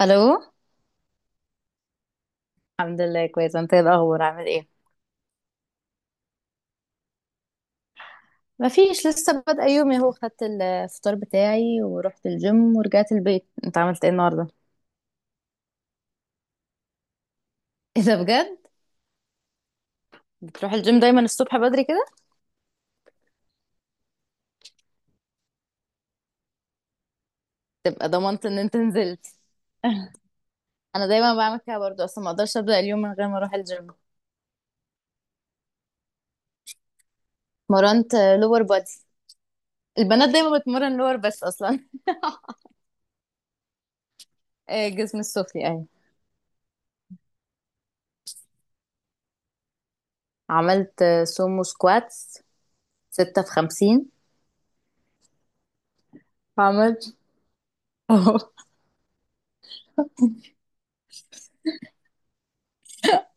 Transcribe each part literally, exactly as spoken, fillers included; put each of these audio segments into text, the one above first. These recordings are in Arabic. الو. الحمد لله، كويسه. انت إيه الاخبار؟ عامل ايه؟ مفيش، لسه بادئه يومي اهو. خدت الفطار بتاعي ورحت الجيم ورجعت البيت. انت عملت ايه النهارده؟ ايه ده بجد؟ بتروح الجيم دايما الصبح بدري كده؟ تبقى ضمنت ان انت نزلت. انا دايما بعمل كده برضو، اصلا ما اقدرش ابدا اليوم من غير ما اروح الجيم. مرنت. لور بادي. البنات دايما بتمرن لور بس اصلا آه، جسم السفلي يعني. عملت آه، سومو سكواتس، ستة في خمسين. عملت اه.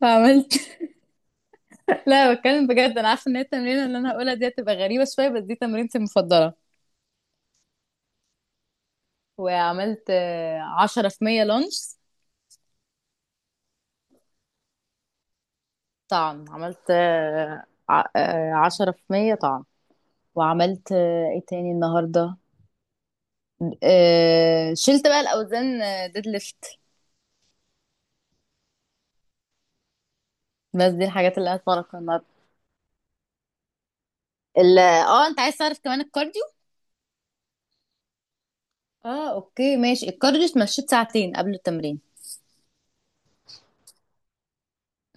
عملت. لا، بتكلم بجد. انا عارفه ان هي التمرينه اللي انا هقولها دي هتبقى غريبه شويه بس دي تمرينتي المفضله. وعملت آه، عشرة في مية لانش. طعن. عملت آه، ع- آه، عشرة في مية طعن. وعملت آه، ايه تاني النهارده؟ آه، شلت بقى الاوزان، آه، ديد ليفت. بس دي الحاجات اللي هتفرق النهارده. ال- اه، انت عايز تعرف كمان الكارديو؟ اه اوكي ماشي. الكارديو اتمشيت ساعتين قبل التمرين.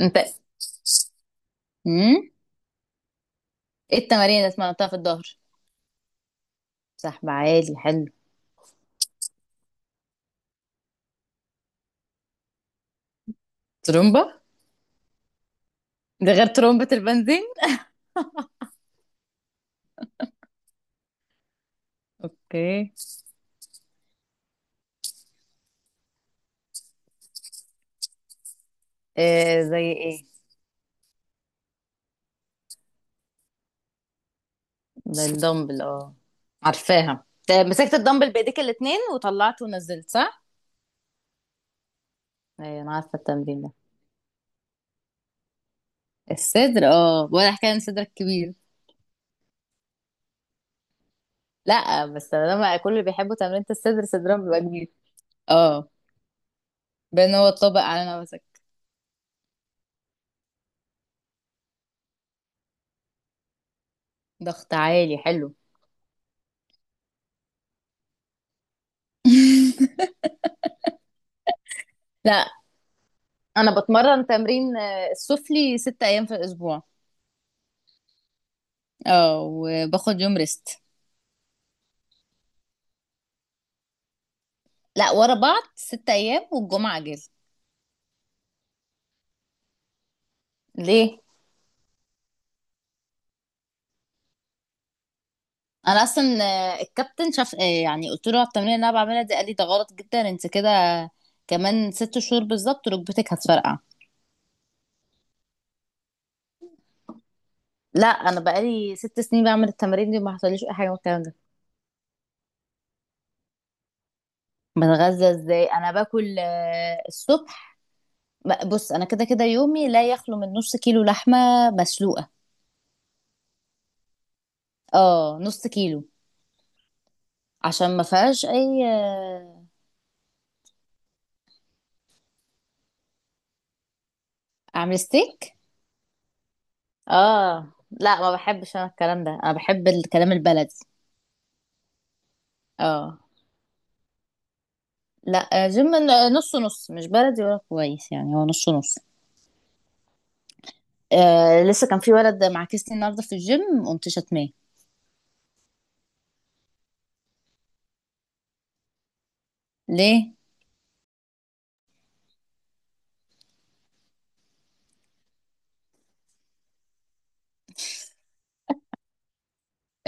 انت؟ امم ايه التمارين اللي اتمرنتها في الظهر؟ سحب عالي، حلو. ترومبا. ده غير ترمبة البنزين. اوكي. آه، زي ايه؟ ده الدمبل اه. عارفاها، ده مسكت الدمبل بايديك الاتنين وطلعته ونزلت صح؟ ايوه، انا عارفه التمرين ده. الصدر اه، ولا حكايه عن صدرك كبير. لا، بس لما كل اللي بيحبوا تمرينة الصدر صدرهم بيبقى كبير. اه بان، هو طبق على نفسك. ضغط عالي، حلو. لا، انا بتمرن تمرين آه، السفلي ست ايام في الاسبوع. اه، وباخد يوم ريست. لا، ورا بعض ست ايام والجمعه اجازه. ليه؟ انا اصلا آه، الكابتن شاف، آه، يعني قلت له على التمرين اللي انا بعملها دي، قال لي ده غلط جدا، انت كده كمان ست شهور بالظبط ركبتك هتفرقع. لا، انا بقالي ست سنين بعمل التمارين دي وما حصليش اي حاجه من الكلام ده. بتغذى ازاي؟ انا باكل آه، الصبح. ب- بص، انا كده كده يومي لا يخلو من نص كيلو لحمه مسلوقه. اه، نص كيلو. عشان ما فيهاش اي آه، اعمل ستيك؟ اه لا، ما بحبش انا الكلام ده، انا بحب الكلام البلدي. اه لا، آه، جيم. نص نص، مش بلدي ولا كويس، يعني هو نص نص. آه، لسه كان في ولد معاكسني النهارده في الجيم قمت شتماه. ليه؟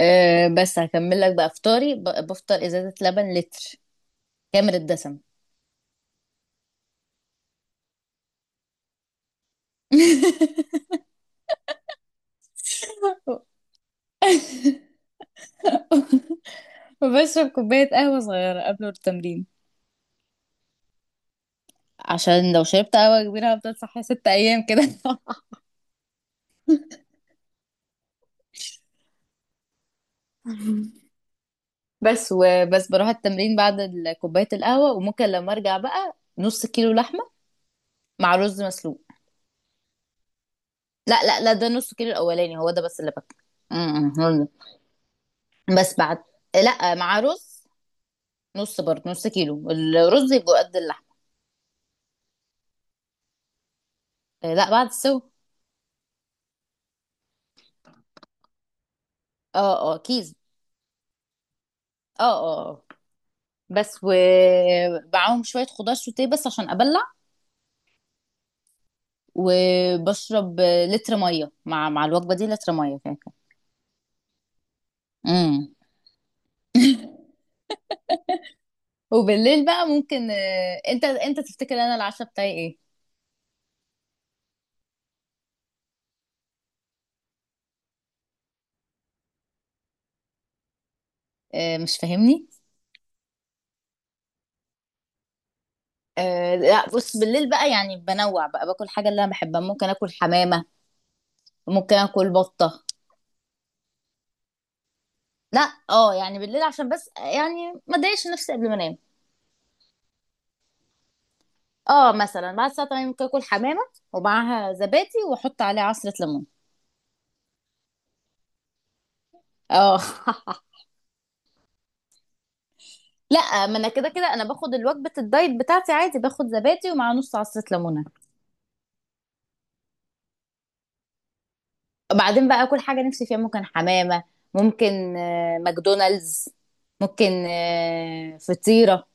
آه، بس هكمل لك بقى فطاري. ب- بفطر ازازه لبن لتر كامل الدسم. وبشرب كوبايه قهوه صغيره قبل التمرين. عشان لو شربت قهوه كبيره هفضل صاحيه ست ايام كده. بس وبس بروح التمرين بعد ال- كوبايه القهوه. وممكن لما ارجع بقى نص كيلو لحمه مع رز مسلوق. لا لا لا، ده نص كيلو الاولاني هو ده بس اللي باكله. امم هو ده. بس بعد. لا، مع رز. نص برضه، نص كيلو الرز يبقى قد اللحم. آه، لا، بعد السو. اه اه، كيس. اه اه آه. بس، ومعاهم شويه خضار سوتيه بس عشان ابلع. وبشرب لتر ميه مع مع الوجبه دي، لتر ميه كده. امم وبالليل بقى ممكن آه، انت انت تفتكر انا العشاء بتاعي ايه؟ آه، مش فاهمني. آه لا، بص بالليل بقى يعني بنوع بقى باكل حاجه اللي انا بحبها، ممكن اكل حمامه، ممكن اكل بطه. لا اه، يعني بالليل عشان بس يعني ما اضايقش نفسي قبل ما انام. اه، مثلا بعد الساعه الثامنة ممكن اكل حمامه ومعاها زبادي واحط عليها عصره ليمون. اه لا، ما انا كده كده انا باخد الوجبه الدايت بتاعتي عادي، باخد زبادي ومع نص عصره ليمونه. وبعدين بقى اكل حاجه نفسي فيها، ممكن حمامه، ممكن آه، ماكدونالدز، ممكن آه، فطيره.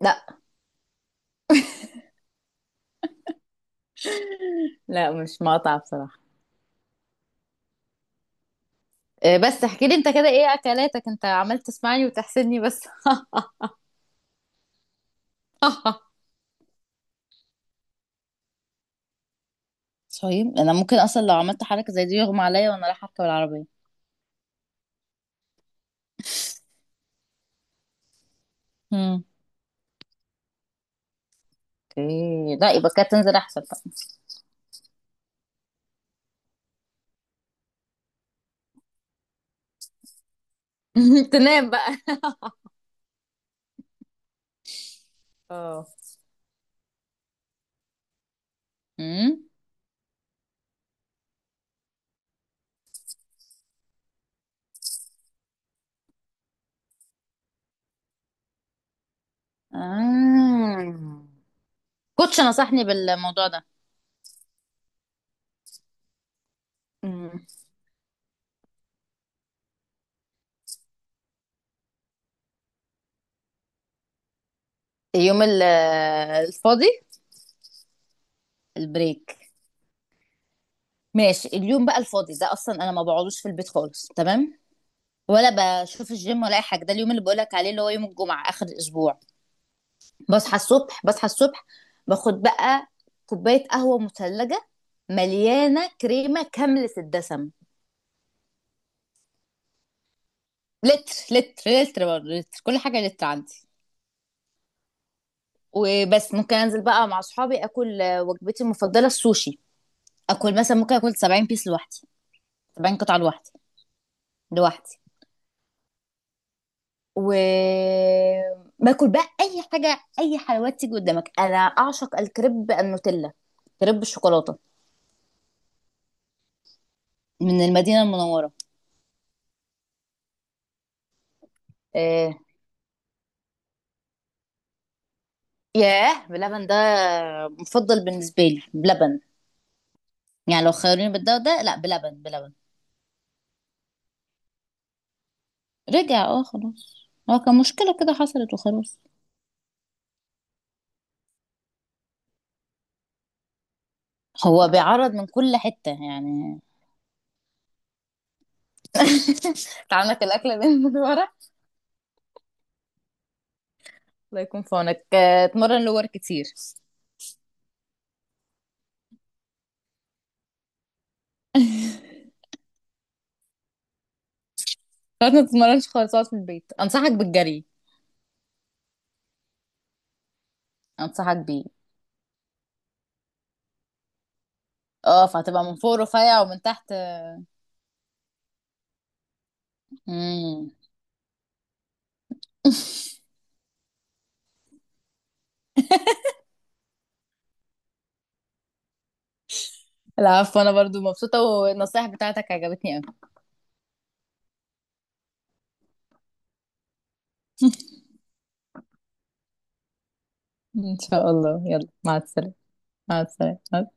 لا. لا، مش مقاطعه بصراحه. آه، بس احكي لي انت كده، ايه اكلاتك؟ انت عمال تسمعني وتحسدني بس. طيب انا ممكن اصلا لو عملت حركه زي دي يغمى عليا وانا رايحه اركب العربيه. مم. اوكي، لا يبقى كده تنزل احسن بقى. تنام بقى. اه. امم. آه. كوتش نصحني بالموضوع ده. مم. اليوم ال- الفاضي. البريك. ماشي، اليوم بقى الفاضي ده اصلا انا ما بقعدوش في البيت خالص، تمام. ولا بشوف الجيم ولا اي حاجه، ده اليوم اللي بقولك عليه اللي هو يوم الجمعه اخر الاسبوع. بصحى الصبح بصحى الصبح باخد بقى كوباية قهوة مثلجة مليانة كريمة كاملة الدسم. لتر لتر لتر برضه، لتر كل حاجة لتر عندي. وبس، ممكن انزل بقى مع اصحابي اكل آه، وجبتي المفضلة السوشي. اكل مثلا، ممكن اكل سبعين بيس لوحدي. سبعين قطعة لوحدي لوحدي. و باكل بقى اي حاجة، اي حلويات تيجي قدامك. انا اعشق الكريب النوتيلا، كريب الشوكولاتة، من المدينة المنورة. آه، ياه، بلبن ده مفضل بالنسبة لي. بلبن، يعني لو خيروني بالده وده، لا بلبن بلبن. رجع اه، خلاص هو كان مشكلة كده حصلت وخلاص. هو بيعرض من كل حتة يعني. تعملك الأكلة دي من ورا. الله يكون في عونك. آه، اتمرن لور كتير. خلاص، ما تتمرنش خالص، اقعد في البيت، أنصحك بالجري. أنصحك بيه. اه، فهتبقى من فوق رفيع ومن تحت. مم. العفو، أنا برضو مبسوطة والنصايح بتاعتك عجبتني أوي. إن شاء الله. يلا، مع السلامة. مع السلامة.